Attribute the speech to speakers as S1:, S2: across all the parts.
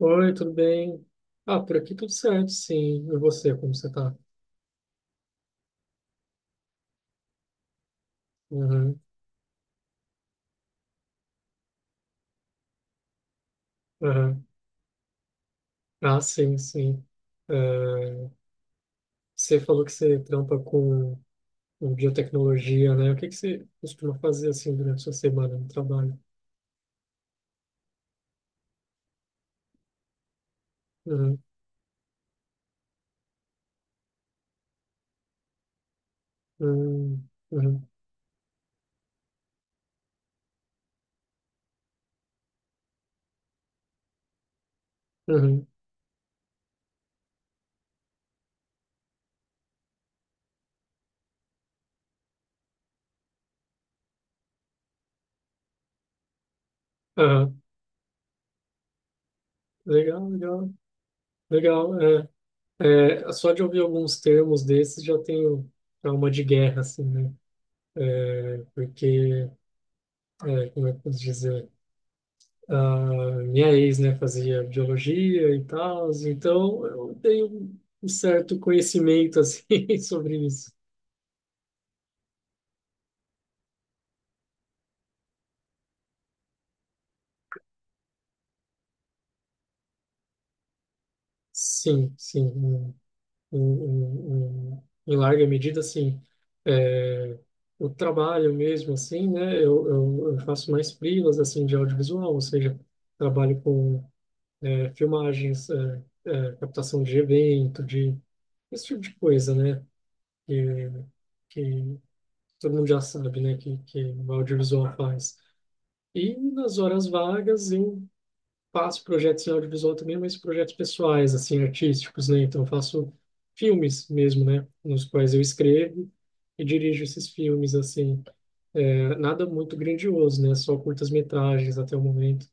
S1: Oi, tudo bem? Ah, por aqui tudo certo, sim. E você, como você tá? Uhum, uhum. Ah, sim, sim. É, você falou que você trampa com biotecnologia, né? O que que você costuma fazer, assim, durante a sua semana no trabalho? Uhum, uhum, uhum, uhum, aham. Legal, legal, legal. Só de ouvir alguns termos desses já tenho alma de guerra, assim, né? É, porque, é, como é que eu posso dizer? Ah, minha ex, né, fazia biologia e tal, então eu tenho um certo conhecimento, assim, sobre isso. Sim, sim, em larga medida, assim, é, o trabalho mesmo, assim, né, eu faço mais freelas, assim, de audiovisual, ou seja, trabalho com é, filmagens, é, captação de evento, de esse tipo de coisa, né, que, que todo mundo já sabe, né, que o audiovisual faz. E nas horas vagas eu faço projetos em audiovisual também, mas projetos pessoais, assim, artísticos, né? Então eu faço filmes mesmo, né, nos quais eu escrevo e dirijo esses filmes, assim. É, nada muito grandioso, né? Só curtas-metragens até o momento.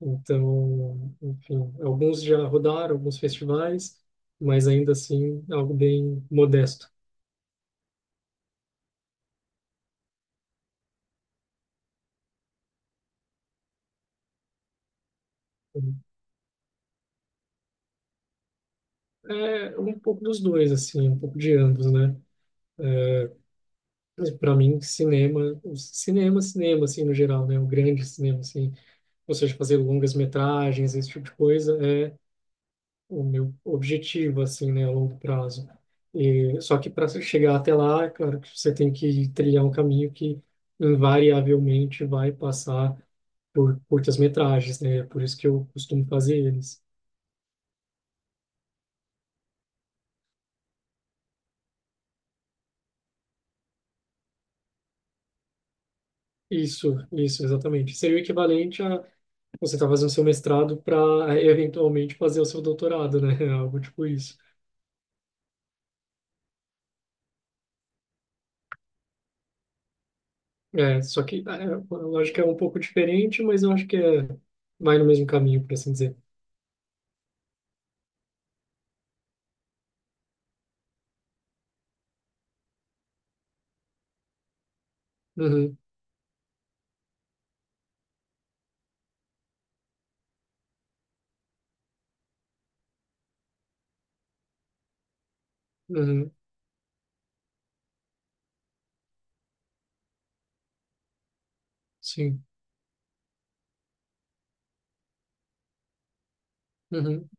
S1: Então, enfim, alguns já rodaram, alguns festivais, mas ainda assim algo bem modesto. É um pouco dos dois, assim, um pouco de ambos, né? Para mim, cinema, cinema, cinema, assim, no geral, né? O grande cinema, assim, ou seja, fazer longas metragens, esse tipo de coisa, é o meu objetivo, assim, né, a longo prazo. E, só que para chegar até lá, é claro que você tem que trilhar um caminho que invariavelmente vai passar por curtas metragens, né? É por isso que eu costumo fazer eles. Isso, exatamente. Seria o equivalente a você estar fazendo seu mestrado para eventualmente fazer o seu doutorado, né? Algo tipo isso. É, só que é, a lógica é um pouco diferente, mas eu acho que é, vai no mesmo caminho, por assim dizer. Uhum, uhum, sim. Uhum,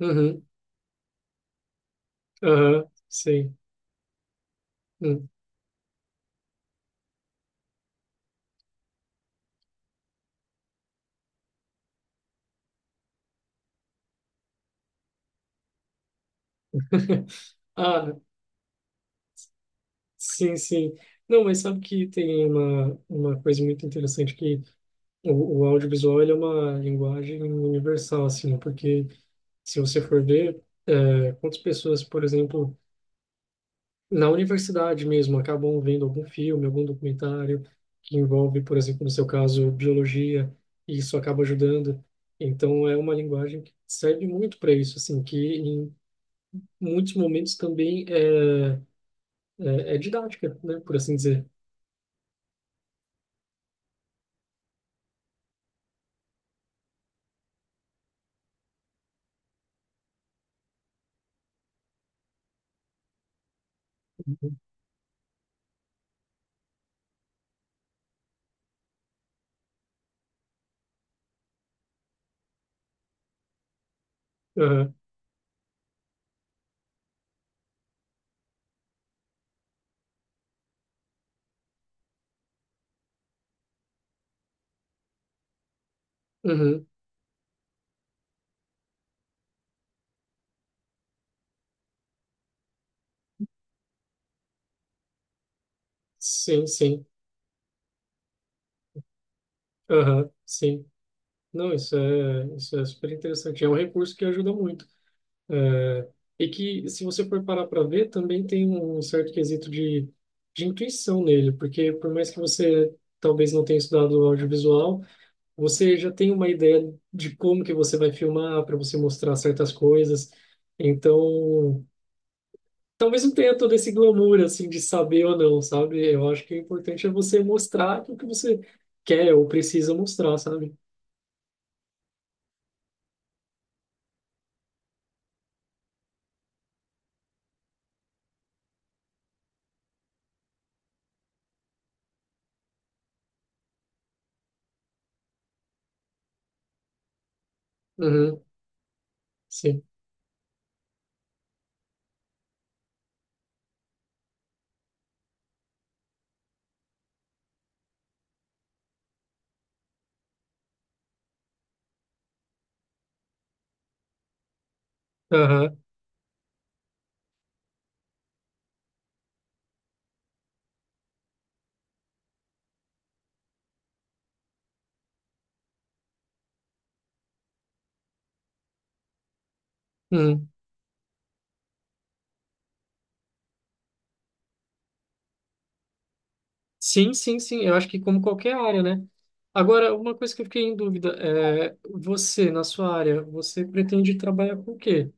S1: uhum, aham, sim. Hum. Ah, sim, sim. Não, mas sabe que tem uma coisa muito interessante que o audiovisual ele é uma linguagem universal, assim, né? Porque se você for ver, é, quantas pessoas, por exemplo, na universidade mesmo, acabam vendo algum filme, algum documentário que envolve, por exemplo, no seu caso, biologia, e isso acaba ajudando. Então, é uma linguagem que serve muito para isso, assim, que em muitos momentos também é didática, né, por assim dizer. Aham, uhum, sim, sim, aham, sim. Não, isso é super interessante. É um recurso que ajuda muito. E que, se você for parar para ver, também tem um certo quesito de intuição nele, porque por mais que você talvez não tenha estudado audiovisual, você já tem uma ideia de como que você vai filmar, para você mostrar certas coisas. Então, talvez não tenha todo esse glamour, assim, de saber ou não, sabe? Eu acho que o importante é você mostrar o que você quer ou precisa mostrar, sabe? Uhum, sim. Aham. Uhum. Sim, sim, sim. Eu acho que como qualquer área, né? Agora, uma coisa que eu fiquei em dúvida é você, na sua área, você pretende trabalhar com o quê?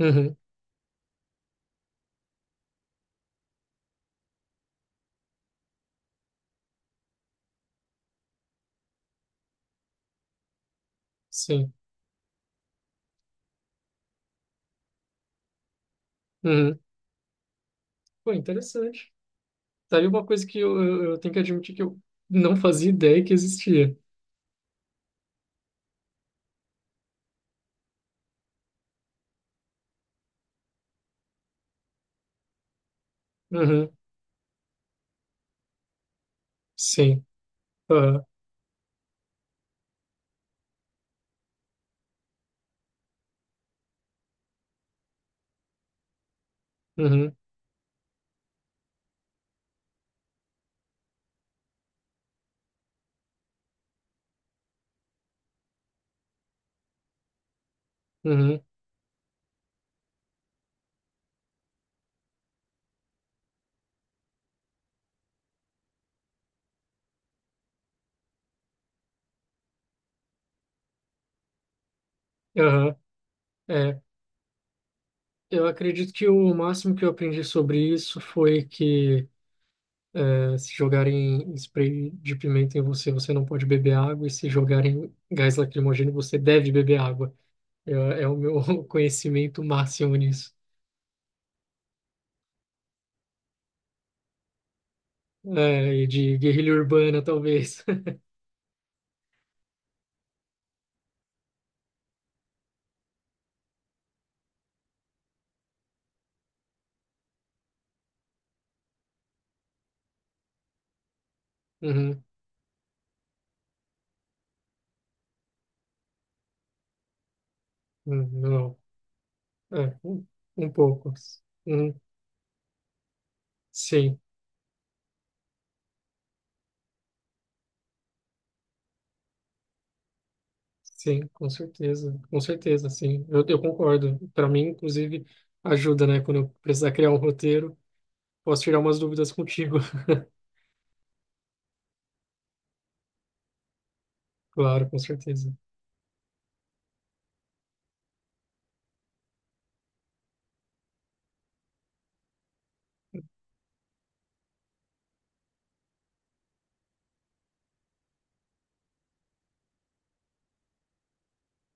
S1: Uhum, sim. Uhum. Pô, interessante. Tá aí uma coisa que eu tenho que admitir que eu não fazia ideia que existia. Uhum, sim. Aham, uhum, uhum, aham. É, eu acredito que o máximo que eu aprendi sobre isso foi que é, se jogarem spray de pimenta em você, você não pode beber água, e se jogarem gás lacrimogêneo, você deve beber água. É o meu conhecimento máximo nisso. É, e de guerrilha urbana, talvez. Uhum, uhum, não. É, um pouco. Uhum, sim, sim, com certeza. Com certeza, sim. Eu concordo. Para mim, inclusive, ajuda, né? Quando eu precisar criar um roteiro, posso tirar umas dúvidas contigo. Claro, com certeza.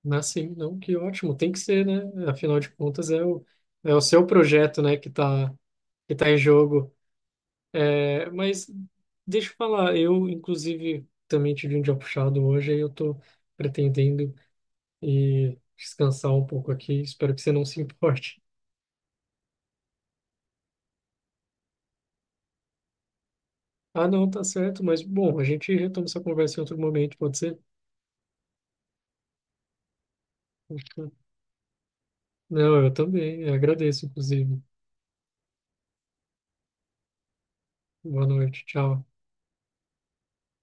S1: Mas sim, não, que ótimo. Tem que ser, né? Afinal de contas, é é o seu projeto, né, que tá em jogo. É, mas deixa eu falar, eu inclusive também tive um dia puxado hoje, aí eu tô pretendendo ir descansar um pouco aqui, espero que você não se importe. Ah, não, tá certo, mas bom, a gente retoma essa conversa em outro momento, pode ser? Não, eu também, eu agradeço, inclusive. Boa noite, tchau.